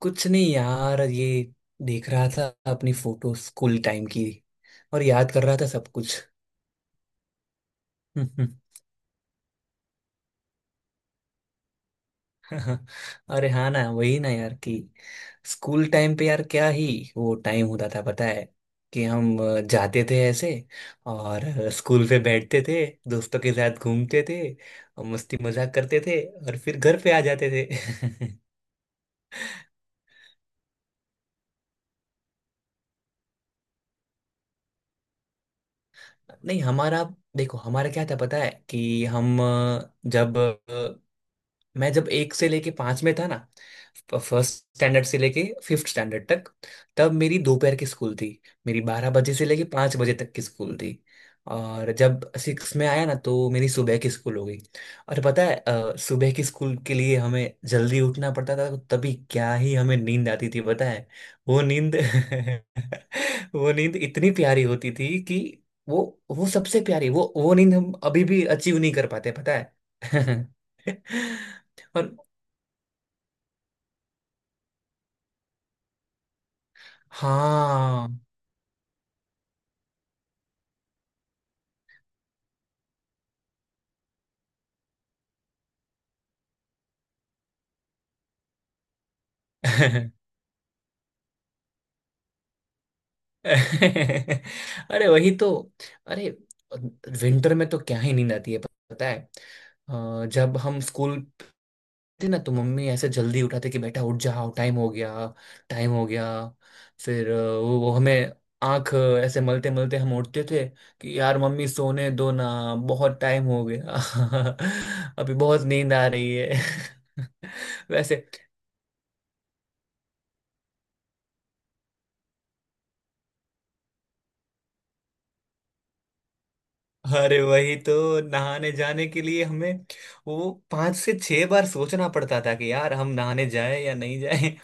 कुछ नहीं यार, ये देख रहा था अपनी फोटो स्कूल टाइम की, और याद कर रहा था सब कुछ। अरे हाँ ना, वही ना यार, कि स्कूल टाइम पे यार क्या ही वो टाइम होता था, पता है। कि हम जाते थे ऐसे, और स्कूल पे बैठते थे, दोस्तों के साथ घूमते थे, और मस्ती मजाक करते थे, और फिर घर पे आ जाते थे। नहीं हमारा, देखो हमारा क्या था पता है। कि हम अ, जब मैं जब एक से लेके पांच में था ना, फर्स्ट स्टैंडर्ड से लेके फिफ्थ स्टैंडर्ड तक, तब मेरी दोपहर की स्कूल थी। मेरी 12 बजे से लेके 5 बजे तक की स्कूल थी। और जब सिक्स में आया ना, तो मेरी सुबह की स्कूल हो गई। और पता है, सुबह की स्कूल के लिए हमें जल्दी उठना पड़ता था, तो तभी क्या ही हमें नींद आती थी पता है। वो नींद वो नींद इतनी प्यारी होती थी कि वो वो सबसे प्यारी, वो नींद हम अभी भी अचीव नहीं कर पाते पता है। पर। हाँ। अरे वही तो। अरे विंटर में तो क्या ही नींद आती है पता है। जब हम स्कूल थे ना, तो मम्मी ऐसे जल्दी उठाते कि बेटा उठ जाओ, टाइम हो गया, टाइम हो गया। फिर वो हमें आंख ऐसे मलते मलते हम उठते थे, कि यार मम्मी सोने दो ना, बहुत टाइम हो गया। अभी बहुत नींद आ रही है। वैसे। अरे वही तो, नहाने जाने के लिए हमें वो 5 से 6 बार सोचना पड़ता था कि यार हम नहाने जाए या नहीं जाए।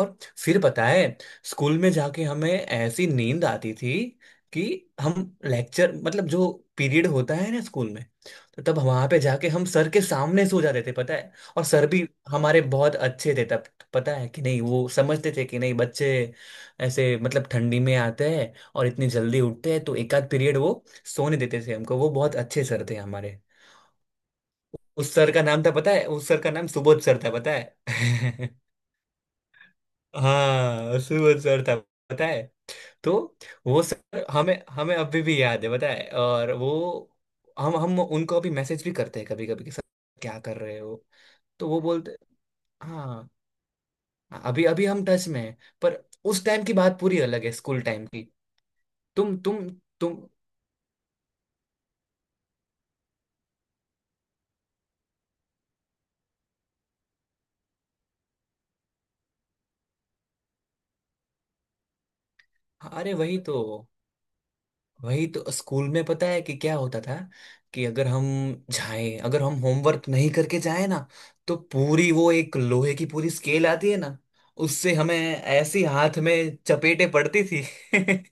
और फिर पता है, स्कूल में जाके हमें ऐसी नींद आती थी कि हम लेक्चर मतलब जो पीरियड होता है ना स्कूल में, तो तब वहां पे जाके हम सर के सामने सो जाते थे पता है। और सर भी हमारे बहुत अच्छे थे तब, पता है कि नहीं। वो समझते थे कि नहीं बच्चे ऐसे मतलब ठंडी में आते हैं और इतनी जल्दी उठते हैं, तो एक आध पीरियड वो सोने देते थे हमको। वो बहुत अच्छे सर थे हमारे। उस सर का नाम था पता है, उस सर का नाम सुबोध सर था पता है। हाँ सुबोध सर था पता है। तो वो सर हमें हमें अभी भी याद है पता है। और वो हम उनको अभी मैसेज भी करते हैं कभी कभी, कि सर क्या कर रहे हो। तो वो बोलते, हाँ, अभी अभी हम टच में हैं। पर उस टाइम की बात पूरी अलग है, स्कूल टाइम की। तुम तुम तुम। अरे वही तो, वही तो स्कूल में पता है कि क्या होता था। कि अगर हम होमवर्क नहीं करके जाए ना, तो पूरी वो एक लोहे की पूरी स्केल आती है ना, उससे हमें ऐसी हाथ में चपेटे पड़ती थी।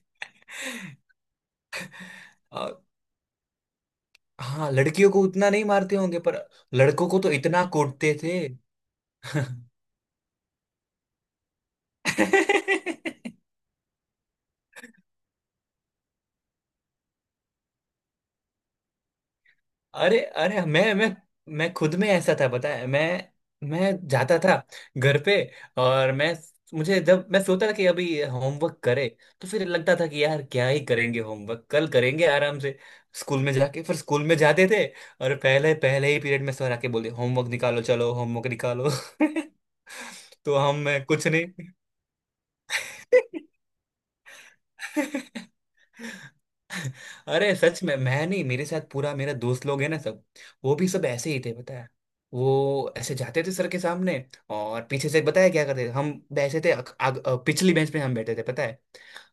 और। हाँ लड़कियों को उतना नहीं मारते होंगे, पर लड़कों को तो इतना कूटते थे। अरे अरे, मैं खुद में ऐसा था बताया है। मैं जाता था घर पे। और मैं मुझे जब मैं सोचता था कि अभी होमवर्क करे, तो फिर लगता था कि यार क्या ही करेंगे, होमवर्क कल करेंगे आराम से। स्कूल में जाके फिर स्कूल में जाते थे, और पहले पहले ही पीरियड में सर आके बोले, होमवर्क निकालो, चलो होमवर्क निकालो। तो हम मैं कुछ नहीं। अरे सच में मैं नहीं, मेरे साथ पूरा मेरा दोस्त लोग है ना सब, वो भी सब ऐसे ही थे पता है। वो ऐसे जाते थे सर के सामने, और पीछे से बताया क्या करते थे, हम बैठे थे पिछली बेंच पे हम बैठे थे पता है।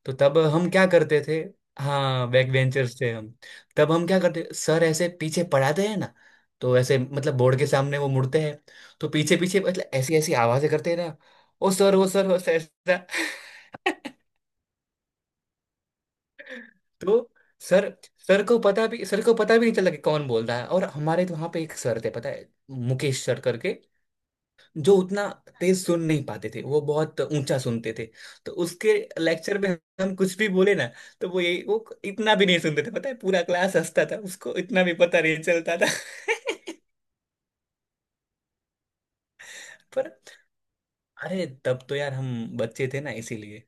तो तब हम क्या करते थे, हाँ बैक बेंचर्स थे हम। तब हम क्या करते, सर ऐसे पीछे पढ़ाते हैं ना, तो ऐसे मतलब बोर्ड के सामने वो मुड़ते हैं, तो पीछे पीछे मतलब ऐसी ऐसी आवाजें करते हैं ना, ओ सर ओ सर ओ सर ऐसा। तो सर सर को पता भी सर को पता भी नहीं चला कि कौन बोल रहा है। और हमारे तो वहां पे एक सर थे पता है, मुकेश सर करके, जो उतना तेज सुन नहीं पाते थे, वो बहुत ऊंचा सुनते थे। तो उसके लेक्चर में हम कुछ भी बोले ना, तो वो इतना भी नहीं सुनते थे पता है, पूरा क्लास हंसता था, उसको इतना भी पता नहीं चलता था। पर, अरे तब तो यार हम बच्चे थे ना इसीलिए।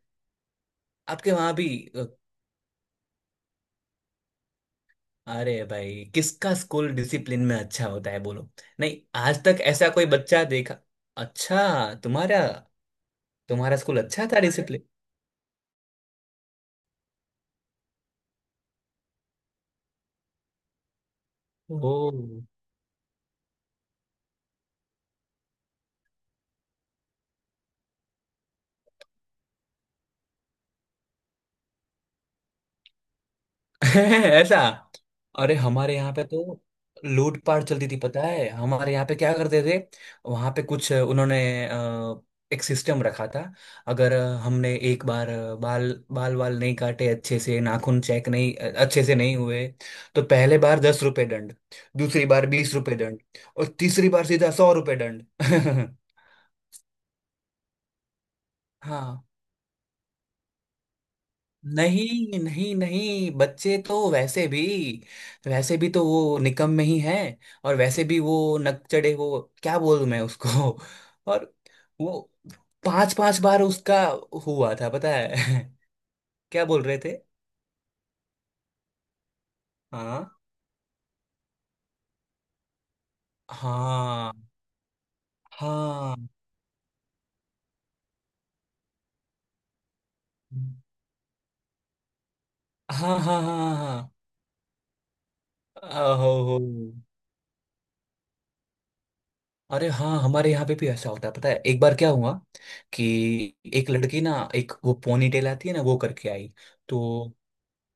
आपके वहां भी। अरे भाई किसका स्कूल डिसिप्लिन में अच्छा होता है बोलो, नहीं आज तक ऐसा कोई बच्चा देखा। अच्छा तुम्हारा तुम्हारा स्कूल अच्छा था हमारे डिसिप्लिन। ओ। ऐसा। अरे हमारे यहाँ पे तो लूटपाट चलती थी पता है, हमारे यहाँ पे क्या करते थे, वहां पे कुछ उन्होंने अ, एक सिस्टम रखा था। अगर हमने एक बार बाल बाल वाल नहीं काटे, अच्छे से नाखून चेक नहीं, अच्छे से नहीं हुए, तो पहले बार 10 रुपए दंड, दूसरी बार 20 रुपए दंड, और तीसरी बार सीधा 100 रुपए दंड। हाँ। नहीं नहीं नहीं, बच्चे तो वैसे भी, तो वो निकम में ही है। और वैसे भी वो नकचढ़े, वो क्या बोलूं मैं उसको। और वो पांच पांच बार उसका हुआ था पता है। क्या बोल रहे थे। हाँ हाँ हाँ हाँ, हाँ हाँ हाँ, ओहो हो। अरे हाँ, हमारे यहाँ पे भी ऐसा होता है पता है। एक बार क्या हुआ कि एक लड़की ना, एक वो पोनी टेल आती है ना, वो करके आई। तो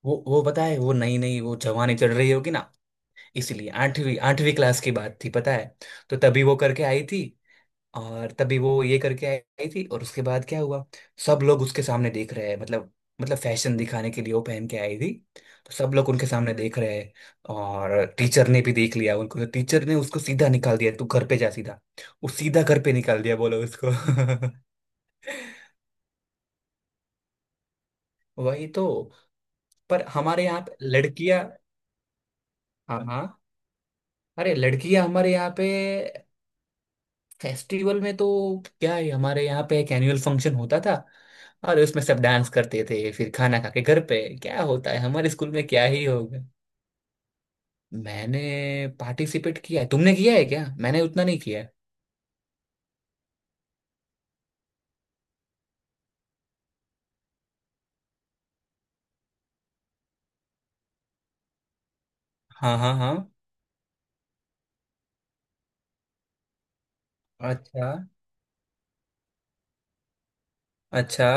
वो पता है, वो नई नई वो जवानी चढ़ रही होगी ना इसलिए, आठवीं आठवीं क्लास की बात थी पता है। तो तभी वो करके आई थी, और तभी वो ये करके आई थी, और उसके बाद क्या हुआ, सब लोग उसके सामने देख रहे हैं मतलब, फैशन दिखाने के लिए वो पहन के आई थी, तो सब लोग उनके सामने देख रहे हैं। और टीचर ने भी देख लिया उनको, तो टीचर ने उसको सीधा निकाल दिया, तू घर पे जा सीधा। वो सीधा घर पे निकाल दिया बोलो उसको। वही तो, पर हमारे यहाँ पे लड़कियां। हाँ हाँ। अरे लड़कियां हमारे यहाँ पे फेस्टिवल में तो, क्या है हमारे यहाँ पे एक एनुअल फंक्शन होता था, और उसमें सब डांस करते थे, फिर खाना खा के घर पे। क्या होता है हमारे स्कूल में, क्या ही होगा। मैंने पार्टिसिपेट किया है, तुमने किया है क्या, मैंने उतना नहीं किया है। हाँ हाँ हाँ। अच्छा अच्छा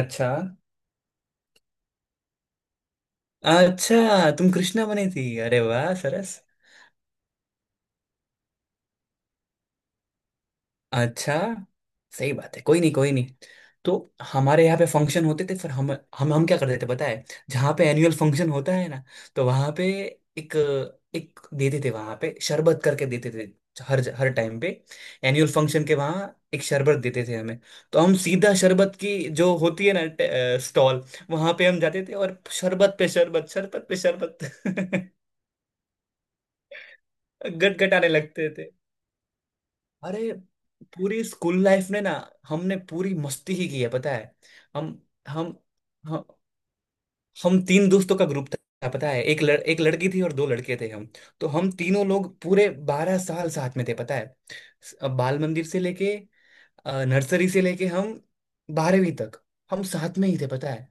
अच्छा। अच्छा तुम कृष्णा बनी थी? अरे वाह सरस। अच्छा, सही बात है, कोई नहीं कोई नहीं। तो हमारे यहाँ पे फंक्शन होते थे, फिर हम क्या करते थे पता है, जहाँ पे एनुअल फंक्शन होता है ना, तो वहाँ पे एक एक देते थे, वहाँ पे शरबत करके देते थे। हर हर टाइम पे एनुअल फंक्शन के वहाँ एक शरबत देते थे हमें। तो हम सीधा शरबत की जो होती है ना स्टॉल, वहाँ पे हम जाते थे, और शरबत पे शरबत, शरबत पे शरबत। गटगटाने लगते। अरे पूरी स्कूल लाइफ में ना, हमने पूरी मस्ती ही की है पता है। हम हम हम हम तीन दोस्तों का ग्रुप था पता है, एक लड़की थी और दो लड़के थे हम। तो हम तीनों लोग पूरे 12 साल साथ में थे पता है, बाल मंदिर से लेके नर्सरी से लेके, हम बारहवीं तक हम साथ में ही थे पता है।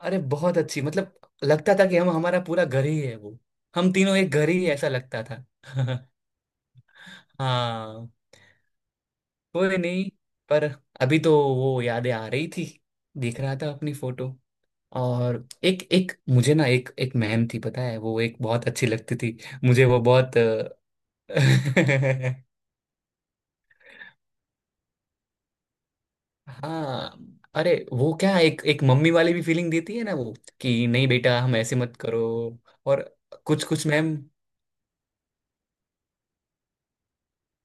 अरे बहुत अच्छी मतलब, लगता था कि हम हमारा पूरा घर ही है वो, हम तीनों एक घर ही है, ऐसा लगता था। हाँ। कोई नहीं। पर अभी तो वो यादें आ रही थी, देख रहा था अपनी फोटो। और एक एक मुझे ना एक एक मैम थी पता है, वो एक बहुत अच्छी लगती थी मुझे, वो बहुत हाँ। अरे वो क्या, एक एक मम्मी वाली भी फीलिंग देती है ना वो, कि नहीं बेटा हम ऐसे मत करो। और कुछ कुछ मैम।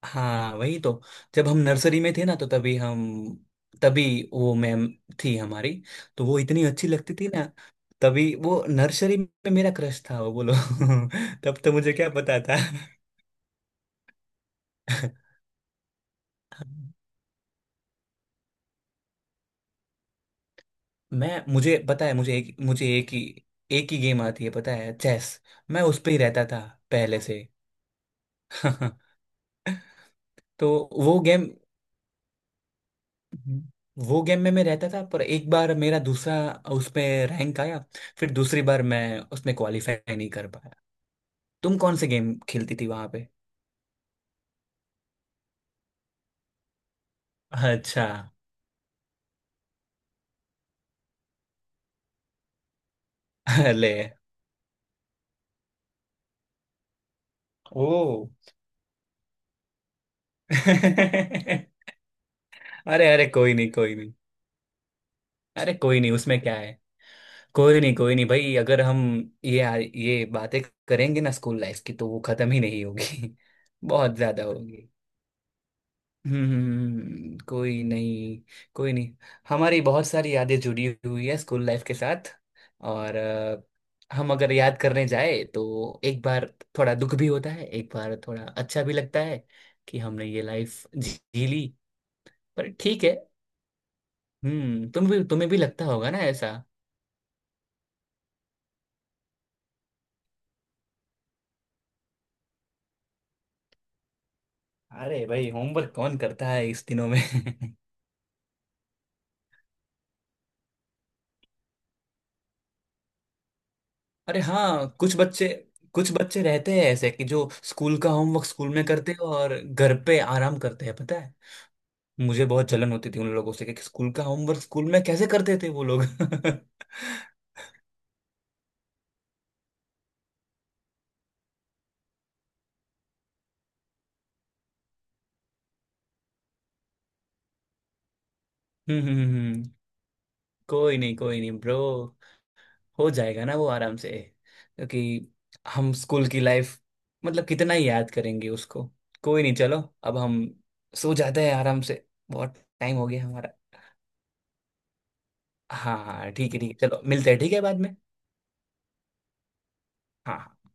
हाँ वही तो, जब हम नर्सरी में थे ना, तो तभी वो मैम थी हमारी। तो वो इतनी अच्छी लगती थी ना, तभी वो नर्सरी में मेरा क्रश था वो, बोलो। तब तो मुझे क्या पता था। मैं मुझे पता है, मुझे एक ही गेम आती है पता है, चेस। मैं उस पे ही रहता था पहले से। तो वो गेम। हम्म। वो गेम में मैं रहता था, पर एक बार मेरा दूसरा उसमें रैंक आया, फिर दूसरी बार मैं उसमें क्वालिफाई नहीं कर पाया। तुम कौन से गेम खेलती थी वहां पे? अच्छा। अरे। ओ। अरे अरे, कोई नहीं कोई नहीं, अरे कोई नहीं, उसमें क्या है, कोई नहीं भाई। अगर हम ये ये बातें करेंगे ना स्कूल लाइफ की, तो वो खत्म ही नहीं होगी। बहुत ज्यादा होगी। कोई नहीं कोई नहीं। हमारी बहुत सारी यादें जुड़ी हुई है स्कूल लाइफ के साथ। और हम अगर याद करने जाए तो, एक बार थोड़ा दुख भी होता है, एक बार थोड़ा अच्छा भी लगता है कि हमने ये लाइफ जी ली। पर ठीक है। हम्म। तुम्हें भी लगता होगा ना ऐसा। अरे भाई होमवर्क कौन करता है इस दिनों में। अरे हाँ, कुछ बच्चे रहते हैं ऐसे कि जो स्कूल का होमवर्क स्कूल में करते हैं और घर पे आराम करते हैं पता है। मुझे बहुत जलन होती थी उन लोगों से, कि स्कूल का होमवर्क स्कूल में कैसे करते थे वो लोग। हम्म, हम्म, कोई नहीं ब्रो, हो जाएगा ना वो आराम से। क्योंकि हम स्कूल की लाइफ मतलब कितना ही याद करेंगे उसको। कोई नहीं, चलो अब हम सो जाते हैं आराम से, बहुत टाइम हो गया हमारा। हाँ हाँ, ठीक है ठीक है, चलो मिलते हैं, ठीक है बाद में। हाँ हाँ।